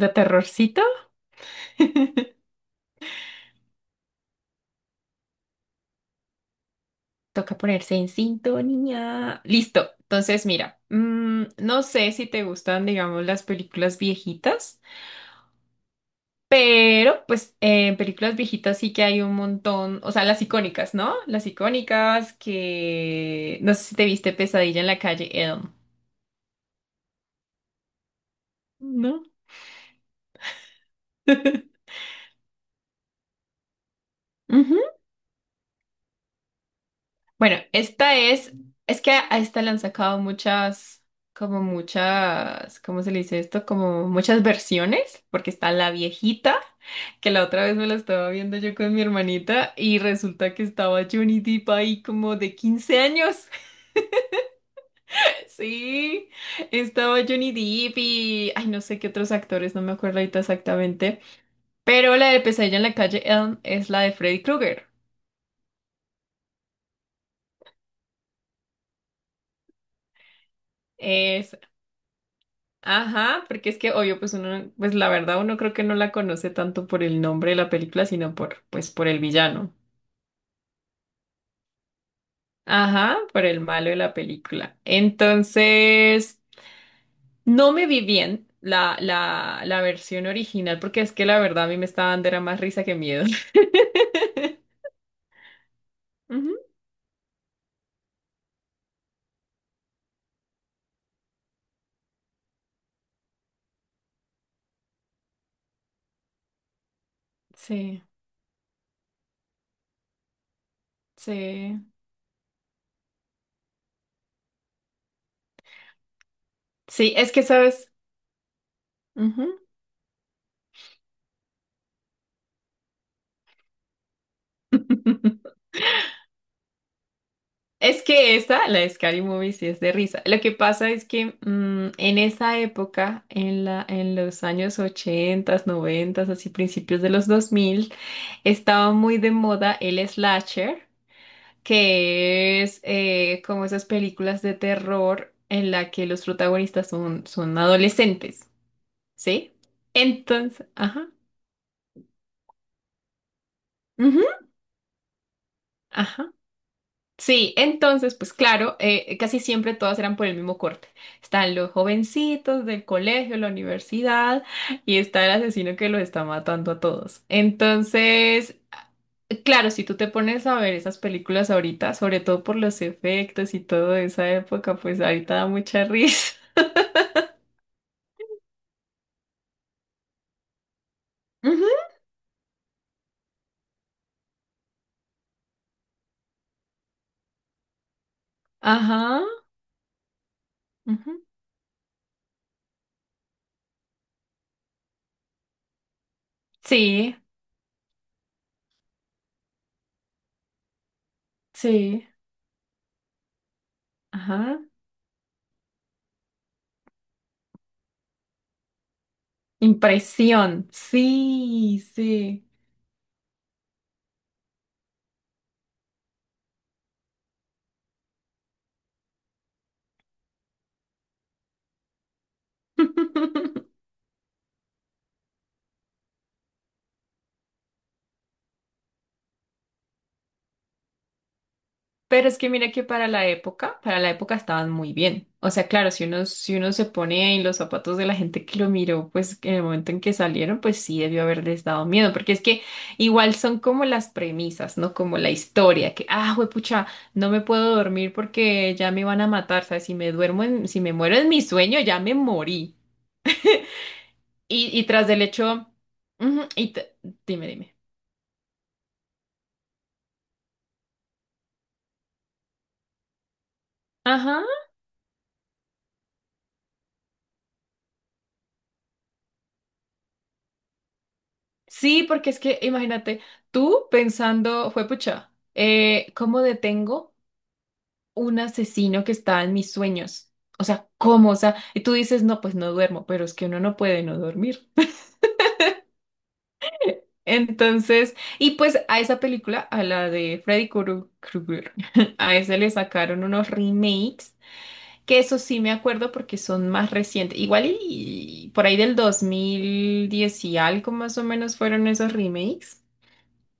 ¿De terrorcito? Toca ponerse en sintonía. Listo. Entonces, mira, no sé si te gustan, digamos, las películas viejitas, pero pues en películas viejitas sí que hay un montón, o sea, las icónicas, ¿no? Las icónicas que no sé si te viste Pesadilla en la calle Elm. ¿No? Ujú. Bueno, esta es que a esta le han sacado muchas, como muchas, ¿cómo se le dice esto? Como muchas versiones, porque está la viejita, que la otra vez me la estaba viendo yo con mi hermanita y resulta que estaba Johnny Depp ahí como de 15 años. Sí, estaba Johnny Depp y ay, no sé qué otros actores, no me acuerdo ahorita exactamente, pero la de Pesadilla en la calle Elm es la de Freddy Krueger. Es, ajá, porque es que obvio, pues uno, pues la verdad uno creo que no la conoce tanto por el nombre de la película, sino por, pues por el villano. Ajá, por el malo de la película. Entonces, no me vi bien la versión original, porque es que la verdad a mí me estaba dando era más risa que miedo. Ujú. Sí, sí. Sí, es que sabes. Ujú. Es que esa, la de Scary Movie, sí es de risa. Lo que pasa es que en esa época, en los años 80, 90, así principios de los 2000 estaba muy de moda el slasher, que es como esas películas de terror en la que los protagonistas son adolescentes, ¿sí? Entonces, ajá, ujú, ajá. Sí, entonces, pues claro, casi siempre todas eran por el mismo corte. Están los jovencitos del colegio, la universidad, y está el asesino que los está matando a todos. Entonces, claro, si tú te pones a ver esas películas ahorita, sobre todo por los efectos y todo de esa época, pues ahorita da mucha risa. Ujú, ajá. Ujú. Sí, sí. Ajá. Impresión. Sí, sí. Pero es que mira que para la época estaban muy bien. O sea, claro, si uno, si uno se pone en los zapatos de la gente que lo miró, pues en el momento en que salieron, pues sí debió haberles dado miedo, porque es que igual son como las premisas, ¿no? Como la historia, que, ah, juepucha, no me puedo dormir porque ya me van a matar, ¿sabes? Si me duermo, si me muero en mi sueño, ya me morí. Y tras del hecho, ujú, dime, dime. Ajá. Sí, porque es que imagínate, tú pensando, juepucha, ¿cómo detengo un asesino que está en mis sueños? O sea, ¿cómo? O sea, y tú dices, no, pues no duermo, pero es que uno no puede no dormir. Entonces, y pues a esa película, a la de Freddy Krueger, a esa le sacaron unos remakes. Que eso sí me acuerdo porque son más recientes. Igual y, por ahí del 2010 y algo más o menos fueron esos remakes,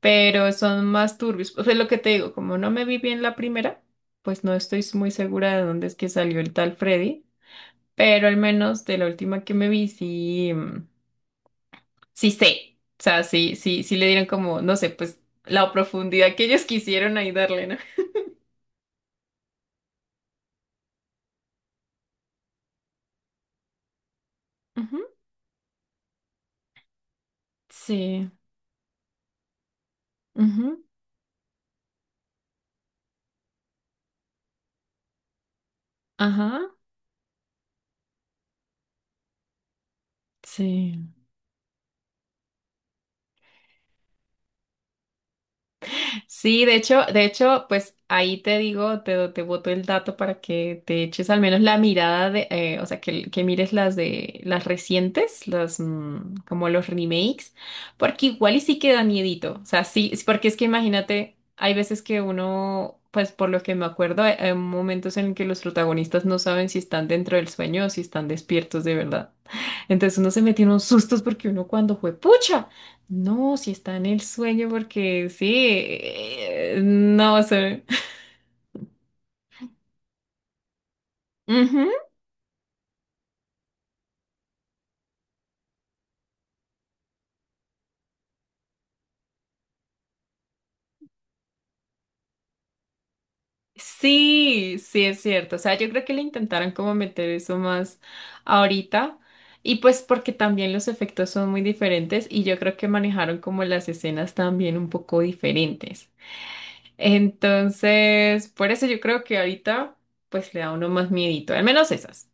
pero son más turbios. O sea, lo que te digo, como no me vi bien la primera, pues no estoy muy segura de dónde es que salió el tal Freddy, pero al menos de la última que me vi sí, sí sé. O sea, sí, sí, sí le dieron como, no sé, pues la profundidad que ellos quisieron ahí darle, ¿no? Ujú. Sí. Ujú. Ajá. Sí. Sí, de hecho, pues ahí te digo, te boto el dato para que te eches al menos la mirada de, o sea, que, mires las de las recientes, las como los remakes, porque igual y sí queda miedito, o sea, sí, es porque es que imagínate, hay veces que uno, pues por lo que me acuerdo, hay, momentos en que los protagonistas no saben si están dentro del sueño o si están despiertos de verdad. Entonces uno se metió en unos sustos porque uno cuando fue, ¡pucha! No, si está en el sueño, porque sí, no sé. Ujú. Sí, sí es cierto. O sea, yo creo que le intentaron como meter eso más ahorita. Y pues porque también los efectos son muy diferentes y yo creo que manejaron como las escenas también un poco diferentes. Entonces, por eso yo creo que ahorita pues le da a uno más miedito, al menos esas.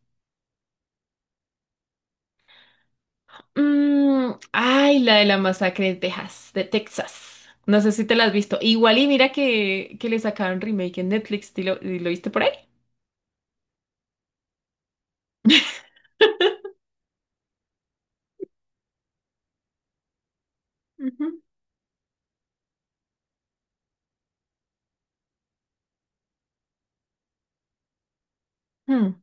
Ay, la de la masacre de Texas. No sé si te la has visto. Igual y mira que, le sacaron remake en Netflix. ¿Y lo, viste por ahí? Ujú. Mm,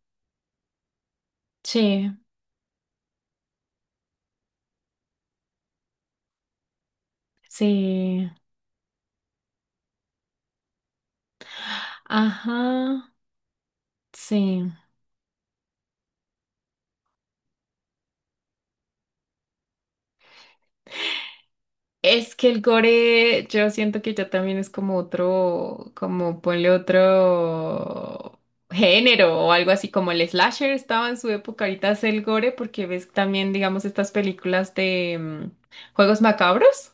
sí, sí. Ajá, sí. Es que el gore, yo siento que ya también es como otro, como ponle otro género o algo así como el slasher estaba en su época, ahorita es el gore porque ves también, digamos, estas películas de juegos macabros.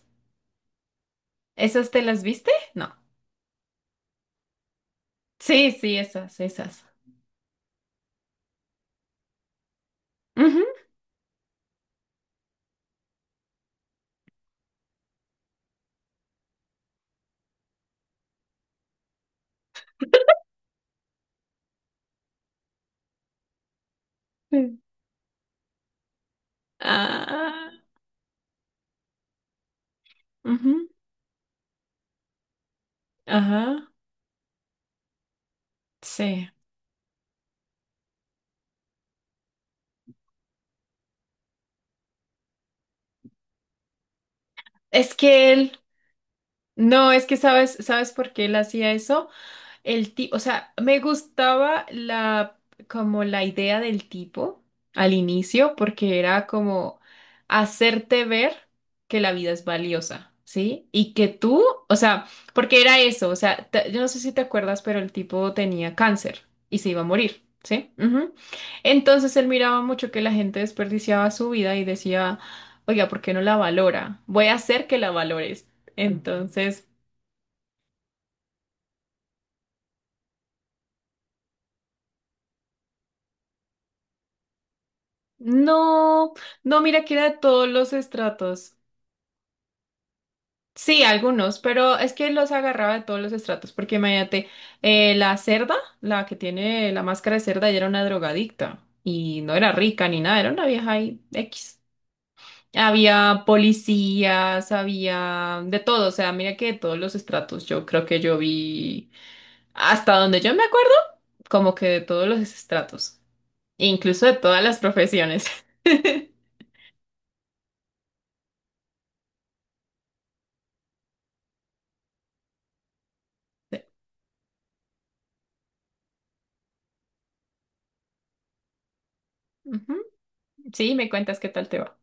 ¿Esas te las viste? No. Sí, sí, esas, esas. Ujú. Sí. Ah, ujú. Ajá. Sí. Es que él, no, es que sabes, ¿sabes por qué él hacía eso? El tipo, o sea, me gustaba la como la idea del tipo al inicio, porque era como hacerte ver que la vida es valiosa, ¿sí? Y que tú, o sea, porque era eso, o sea, yo no sé si te acuerdas, pero el tipo tenía cáncer y se iba a morir, ¿sí? Ujú. Entonces él miraba mucho que la gente desperdiciaba su vida y decía, oiga, ¿por qué no la valora? Voy a hacer que la valores. Entonces, no, no, mira que era de todos los estratos. Sí, algunos, pero es que los agarraba de todos los estratos, porque imagínate, la cerda, la que tiene la máscara de cerda, ella era una drogadicta y no era rica ni nada, era una vieja ahí X. Había policías, había de todo, o sea, mira que de todos los estratos, yo creo que yo vi hasta donde yo me acuerdo, como que de todos los estratos, incluso de todas las profesiones. Ujú. Sí, me cuentas qué tal te va.